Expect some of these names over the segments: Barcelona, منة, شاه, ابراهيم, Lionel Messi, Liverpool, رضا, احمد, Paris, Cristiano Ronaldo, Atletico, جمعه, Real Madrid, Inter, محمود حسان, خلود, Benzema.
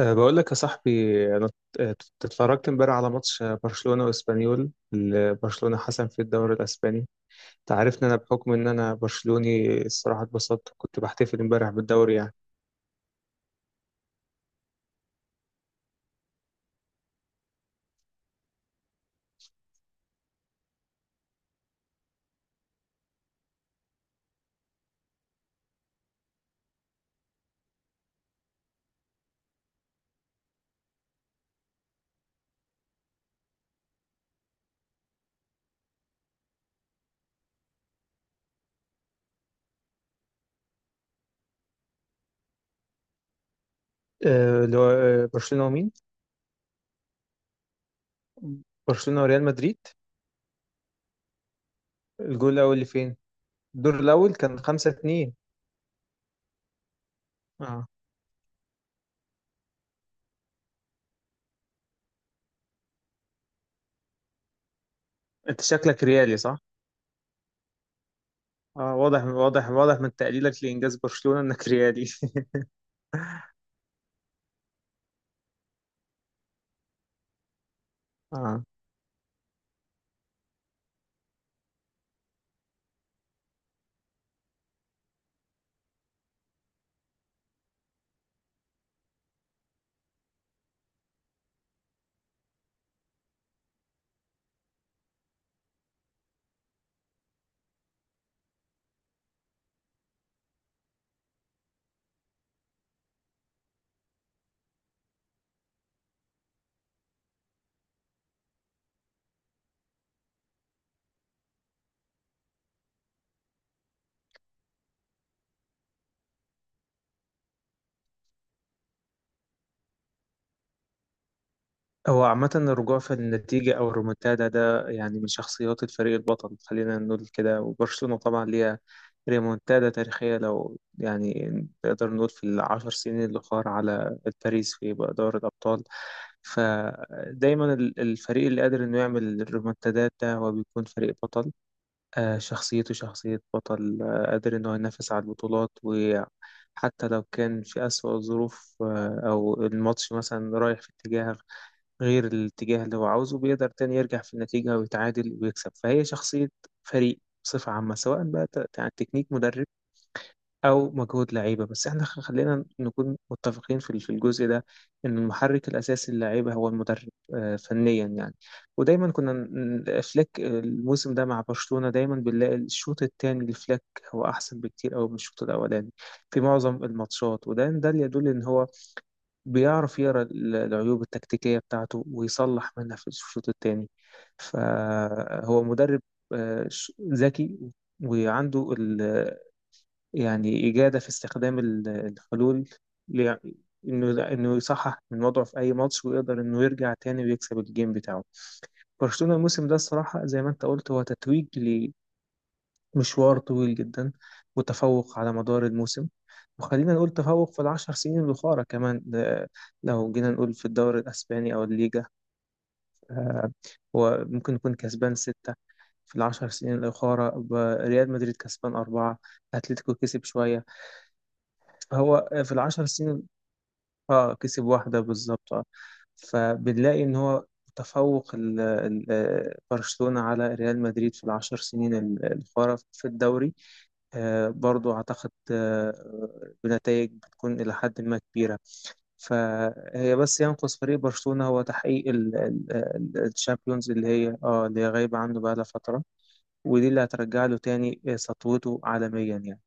بقول لك يا صاحبي. انا اتفرجت امبارح على ماتش برشلونة واسبانيول اللي برشلونة حسم في الدوري الاسباني. انت عارف ان انا، بحكم ان انا برشلوني، الصراحة اتبسطت. كنت بحتفل امبارح بالدوري يعني. اللي هو برشلونة ومين؟ برشلونة وريال مدريد. الجول الاول اللي فين؟ الدور الاول كان 5-2. اه. انت شكلك ريالي، صح؟ اه، واضح واضح واضح من تقليلك لانجاز برشلونة انك ريالي. هو عامة الرجوع في النتيجة أو الريمونتادا ده يعني من شخصيات الفريق البطل، خلينا نقول كده. وبرشلونة طبعا ليها ريمونتادا تاريخية، لو يعني نقدر نقول في العشر سنين الأخرى على باريس في دوري الأبطال. فدايما الفريق اللي قادر إنه يعمل الريمونتادات ده هو بيكون فريق بطل. شخصيته شخصية بطل، قادر إنه ينافس على البطولات، و حتى لو كان في أسوأ الظروف، أو الماتش مثلا رايح في اتجاه غير الاتجاه اللي هو عاوزه، بيقدر تاني يرجع في النتيجة ويتعادل ويكسب، فهي شخصية فريق بصفة عامة. سواء بقى تكنيك مدرب أو مجهود لعيبة، بس احنا، خلينا نكون متفقين في في الجزء ده، إن المحرك الأساسي للعيبة هو المدرب. فنيا يعني. ودايما كنا، فليك الموسم ده مع برشلونة، دايما بنلاقي الشوط الثاني لفليك هو أحسن بكتير أوي من الشوط الأولاني في معظم الماتشات. وده اللي يدل إن هو بيعرف يقرا العيوب التكتيكية بتاعته ويصلح منها في الشوط التاني. فهو مدرب ذكي، وعنده يعني إجادة في استخدام الحلول، ل- إنه يصحح من وضعه في أي ماتش ويقدر إنه يرجع تاني ويكسب الجيم بتاعه. برشلونة الموسم ده الصراحة، زي ما أنت قلت، هو تتويج مشوار طويل جدا، وتفوق على مدار الموسم. وخلينا نقول تفوق في العشر سنين الأخرى كمان، ده لو جينا نقول في الدوري الأسباني أو الليجا. آه، هو ممكن يكون كسبان ستة في العشر سنين الأخرى. ريال مدريد كسبان أربعة، أتلتيكو كسب شوية، فهو في العشر سنين كسب واحدة بالظبط. فبنلاقي إن هو تفوق، برشلونة على ريال مدريد في العشر سنين الأخرى في الدوري، برضو أعتقد بنتائج بتكون إلى حد ما كبيرة. فهي بس ينقص فريق برشلونة هو تحقيق الشامبيونز، اللي هي اللي هي غايبة عنه بقالها فترة. ودي اللي هترجع له تاني سطوته عالميا يعني.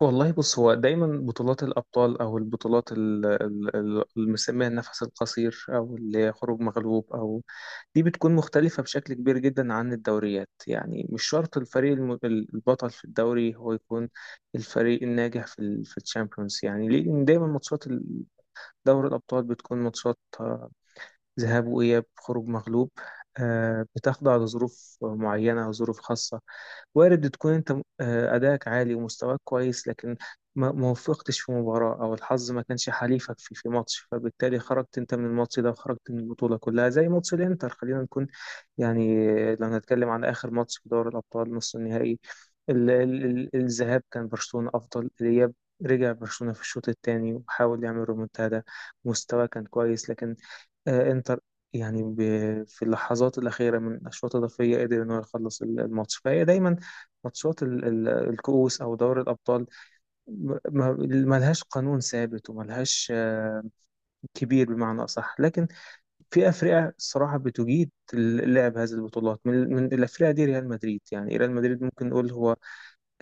والله بص، هو دايما بطولات الأبطال، أو البطولات اللي بنسميها النفس القصير، أو اللي هي خروج مغلوب، أو دي، بتكون مختلفة بشكل كبير جدا عن الدوريات. يعني مش شرط الفريق البطل في الدوري هو يكون الفريق الناجح في في الشامبيونز. يعني ليه؟ لأن دايما ماتشات دوري الأبطال بتكون ماتشات ذهاب وإياب، خروج مغلوب، بتخضع لظروف معينة أو ظروف خاصة. وارد تكون أنت أداءك عالي ومستواك كويس، لكن ما وفقتش في مباراة، أو الحظ ما كانش حليفك في ماتش، فبالتالي خرجت أنت من الماتش ده وخرجت من البطولة كلها زي ماتش الإنتر. خلينا نكون يعني، لو هنتكلم عن آخر ماتش في دوري الأبطال نص النهائي، الذهاب كان برشلونة أفضل. الإياب، رجع برشلونة في الشوط الثاني وحاول يعمل رومنتادا، مستواه كان كويس، لكن انتر يعني في اللحظات الأخيرة من أشواط إضافية قدر إن هو يخلص الماتش. فهي دايما ماتشات الكؤوس أو دوري الأبطال، م- ما- ملهاش قانون ثابت وملهاش كبير بمعنى أصح، لكن في أفرقة الصراحة بتجيد لعب هذه البطولات. من الأفرقة دي ريال مدريد، يعني ريال مدريد ممكن نقول هو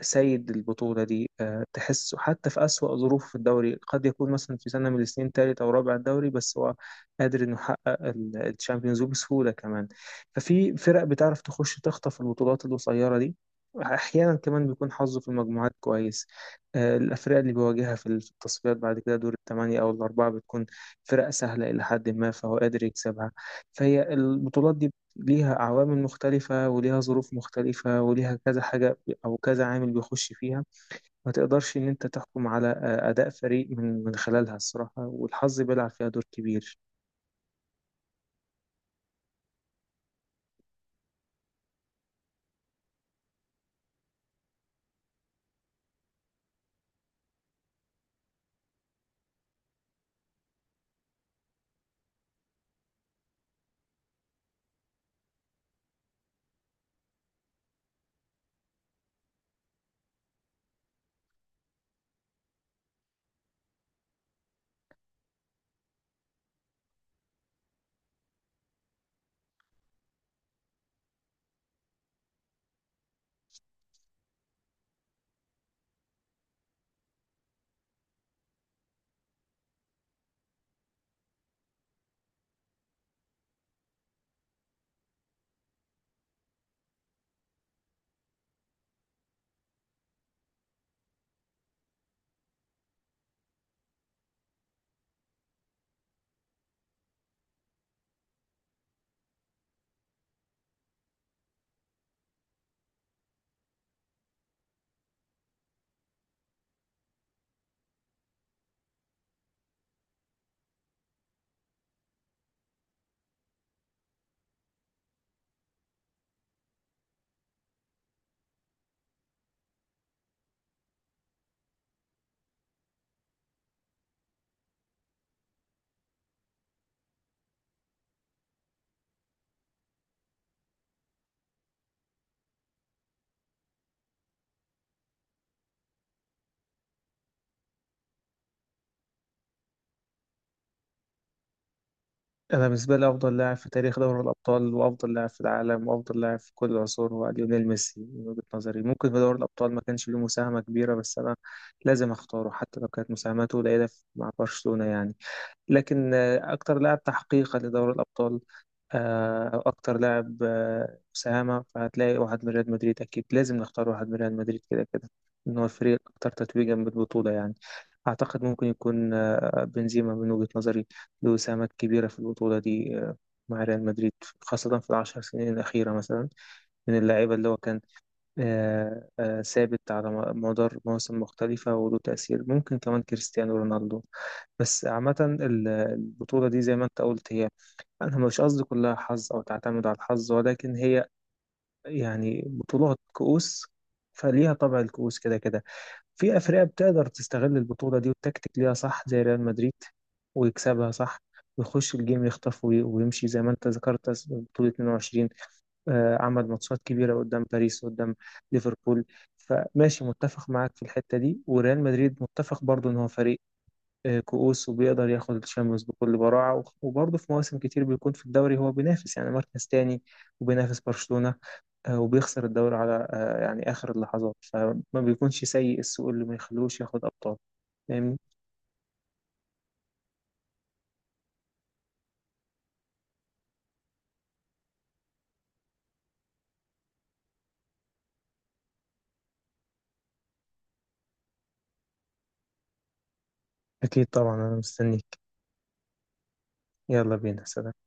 سيد البطولة دي، تحسه حتى في أسوأ ظروف في الدوري قد يكون مثلا في سنة من السنين تالت أو رابع الدوري، بس هو قادر إنه يحقق الشامبيونز ليج بسهولة كمان. ففي فرق بتعرف تخش تخطف البطولات القصيرة دي، أحيانا كمان بيكون حظه في المجموعات كويس، الأفرقة اللي بيواجهها في التصفيات بعد كده دور الثمانية أو الأربعة بتكون فرق سهلة إلى حد ما، فهو قادر يكسبها. فهي البطولات دي ليها عوامل مختلفة وليها ظروف مختلفة وليها كذا حاجة أو كذا عامل بيخش فيها. ما تقدرش إن أنت تحكم على أداء فريق من خلالها الصراحة، والحظ بيلعب فيها دور كبير. أنا بالنسبة لي أفضل لاعب في تاريخ دوري الأبطال، وأفضل لاعب في العالم، وأفضل لاعب في كل العصور، هو ليونيل ميسي من وجهة نظري. ممكن في دوري الأبطال ما كانش له مساهمة كبيرة، بس أنا لازم أختاره حتى لو كانت مساهماته قليلة مع برشلونة يعني. لكن أكتر لاعب تحقيقا لدوري الأبطال، أو أكتر لاعب مساهمة، فهتلاقي واحد من ريال مدريد. أكيد لازم نختار واحد من ريال مدريد كده كده، إن هو الفريق الأكثر تتويجا بالبطولة يعني. أعتقد ممكن يكون بنزيما من وجهة نظري، له إسهامات كبيرة في البطولة دي مع ريال مدريد، خاصة في العشر سنين الأخيرة مثلا، من اللعيبة اللي هو كان ثابت على مدار مواسم مختلفة وله تأثير. ممكن كمان كريستيانو رونالدو. بس عامة البطولة دي، زي ما أنت قلت هي، أنا مش قصدي كلها حظ أو تعتمد على الحظ، ولكن هي يعني بطولات كؤوس، فليها طبع الكؤوس كده كده. في أفرقة بتقدر تستغل البطولة دي والتكتيك ليها صح زي ريال مدريد، ويكسبها صح، ويخش الجيم يخطف ويمشي. زي ما أنت ذكرت بطولة 22، عمل ماتشات كبيرة قدام باريس قدام ليفربول. فماشي متفق معاك في الحتة دي. وريال مدريد متفق برضه ان هو فريق كؤوس، وبيقدر ياخد الشامبيونز بكل براعة، وبرضه في مواسم كتير بيكون في الدوري هو بينافس يعني مركز تاني، وبينافس برشلونة، وبيخسر الدوري على يعني آخر اللحظات، فما بيكونش سيء السوق اللي ما يخلوش ياخد أبطال. فاهمني؟ أكيد طبعا أنا مستنيك. يلا بينا سلام.